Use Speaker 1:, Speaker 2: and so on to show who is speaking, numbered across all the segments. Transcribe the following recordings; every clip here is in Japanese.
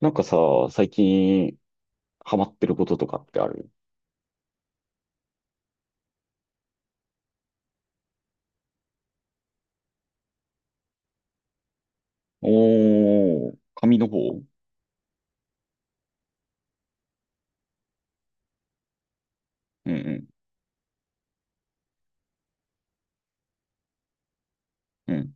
Speaker 1: なんかさ、最近ハマってることとかってある？おー、紙の方。うんうんうん。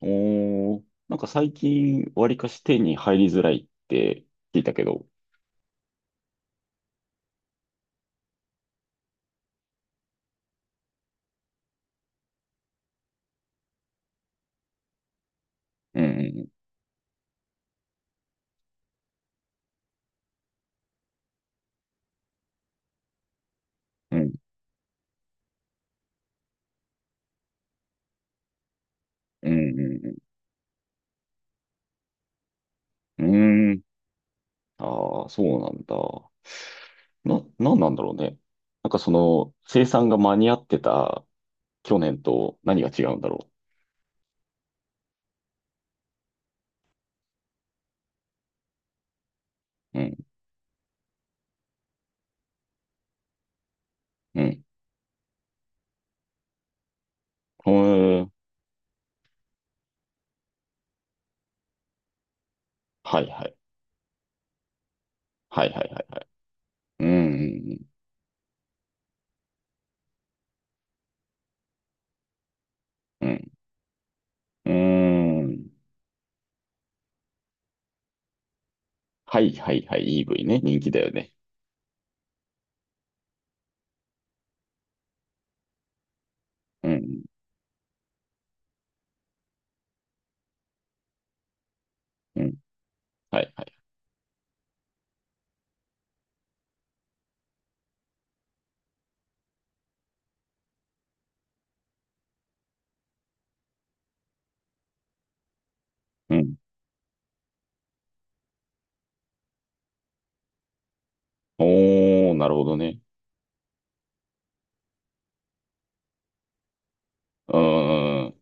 Speaker 1: おー、なんか最近わりかし手に入りづらいって聞いたけど。うんうんうんうんうんうん。うーん。ああ、そうなんだ。な、なんなんだろうね。なんかその生産が間に合ってた去年と何が違うんだろう。うんうん。へー。はいはい。はいはいはいはい。うんうんうん。うーん。はいはいはい。EV ね。人気だよね。うん。うん。はいはい。うん。おー、なるほどね。うーん。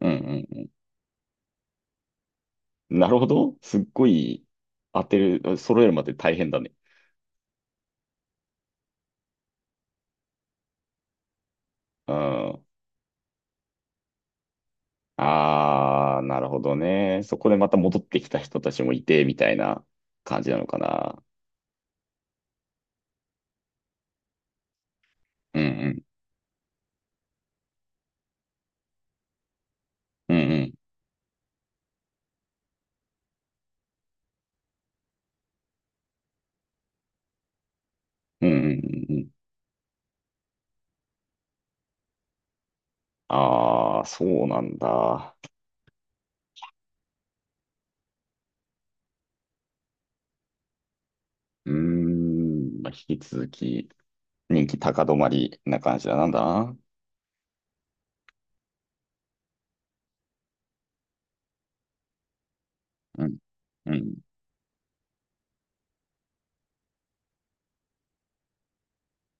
Speaker 1: うんうんうん。なるほど。すっごい当てる、揃えるまで大変だね。うん。あー、なるほどね。そこでまた戻ってきた人たちもいて、みたいな感じなのかな。うんうん。うんうん。うんうんうんうん。あー、そうなんだ。うーん。まあ、引き続き人気高止まりな感じだ。なんだな。うん。うん。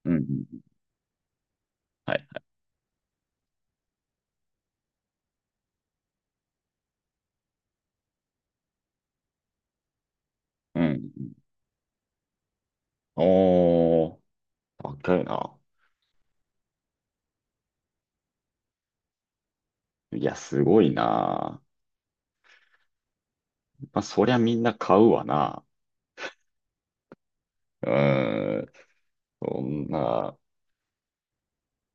Speaker 1: うん。はい。うん。おー、高いな。いや、すごいな。まあ、そりゃみんな買うわな。うん。そんな、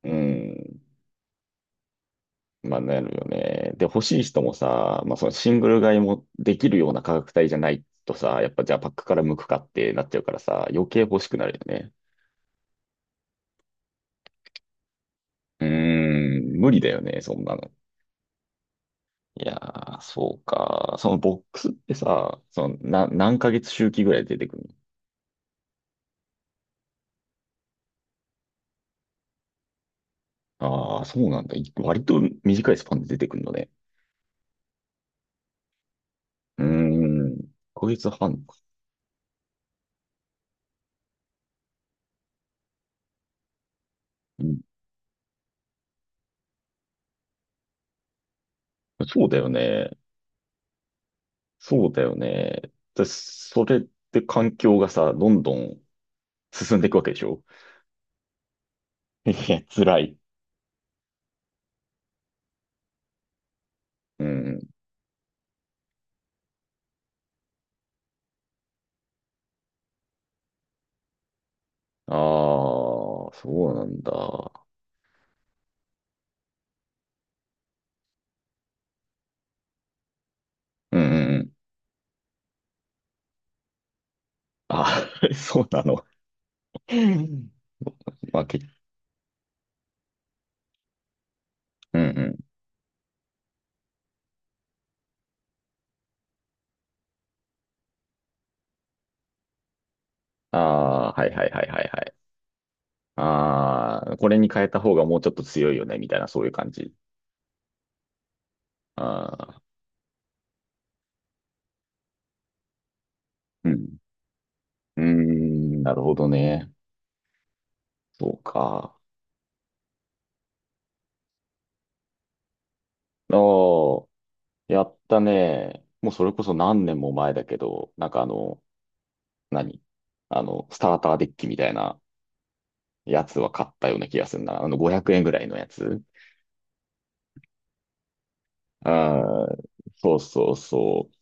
Speaker 1: うん。まあ、なるよね。で、欲しい人もさ、まあ、そのシングル買いもできるような価格帯じゃないとさ、やっぱじゃあパックから向くかってなっちゃうからさ、余計欲しくなるよね。うーん、無理だよね、そんなの。いやー、そうか。そのボックスってさ、その、何ヶ月周期ぐらいで出てくるの？ああー、そうなんだ。割と短いスパンで出てくるのね。うーん。1ヶ月半か。うん。そうだよね。そうだよね。で、それって環境がさ、どんどん進んでいくわけでしょ？ いや、辛い。うん。ああ、そうなんだ。うんうんうん。あー そうなの。うん。まあ、け、うんうん。ああ、はいはいはいはいはい。ああ、これに変えた方がもうちょっと強いよね、みたいな、そういう感じ。ああ、うん。うーん、なるほどね。そうか。ああ、やったね。もうそれこそ何年も前だけど、なんかあの、何あの、スターターデッキみたいなやつは買ったような気がするな。あの、500円ぐらいのやつ。ああ、そうそうそう。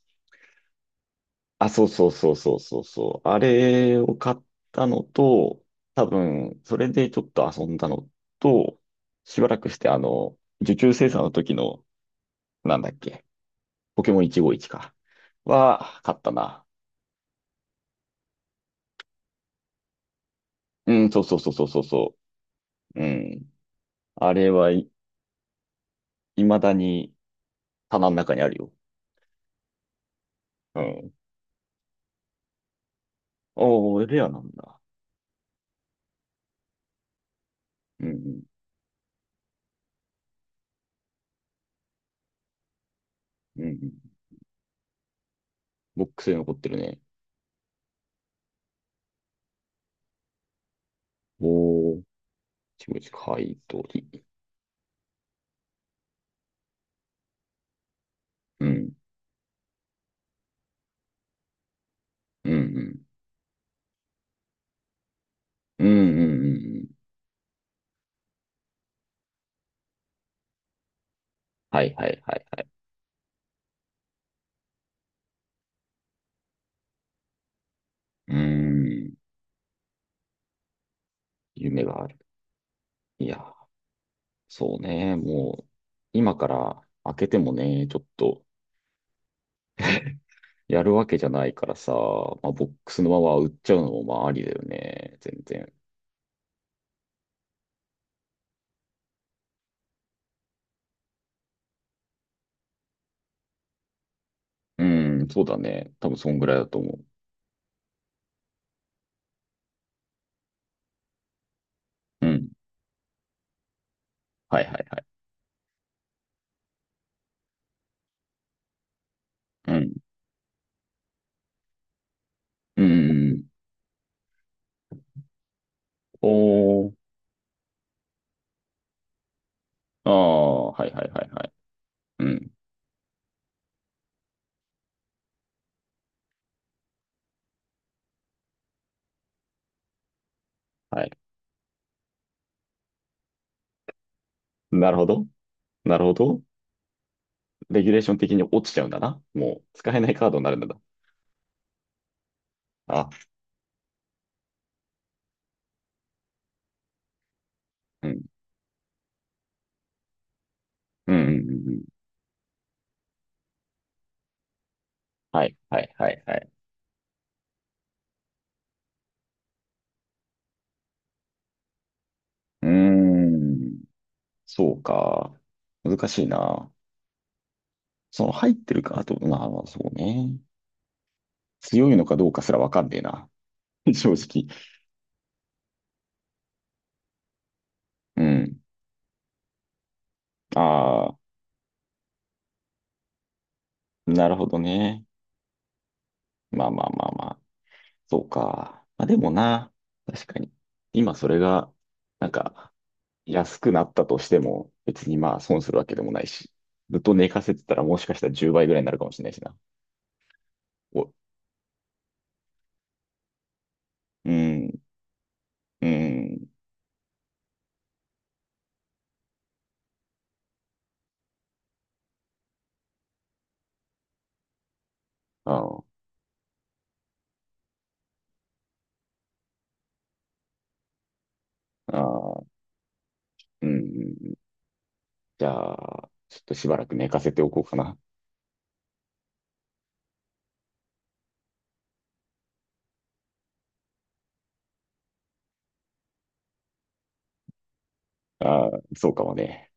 Speaker 1: あ、そうそうそうそうそうそう。あれを買ったのと、多分、それでちょっと遊んだのと、しばらくして、あの、受注生産の時の、なんだっけ、ポケモン151か。買ったな。うん、そうそうそうそうそうそう。うん。あれはい、未だに棚の中にあるよ。うん。おお、レアなんだ。うん、うん、うん。ボックスに残ってるね。おー、151買い取り。うん、うん、うん。うん、うん、うん。うん。はいはいはいはい。うーん。夢がある。いや、そうね。もう、今から開けてもね、ちょっとやるわけじゃないからさ、まあ、ボックスのまま売っちゃうのもまあありだよね。全然。うん、そうだね。多分そんぐらいだと思う。うん。はいはいはい。うん。うん。うん。おー。ああ、はいはいはいはい。うん。はい。なるほど。なるほど。レギュレーション的に落ちちゃうんだな。もう使えないカードになるんだな。あ、うん。うんうんうんうん。はい、はい、はい、はい。うーん、そうか。難しいな。その入ってるか、あと、まあ、まあそうね。強いのかどうかすらわかんねえな。正直。うん。ああ、なるほどね。まあまあまあまあ。そうか。まあでもな、確かに。今それが、なんか、安くなったとしても、別にまあ損するわけでもないし。ずっと寝かせてたらもしかしたら10倍ぐらいになるかもしれないしな。お、うん、うん、ああ、ああ。うん。じゃあ、ちょっとしばらく寝かせておこうかな。ああ、そうかもね。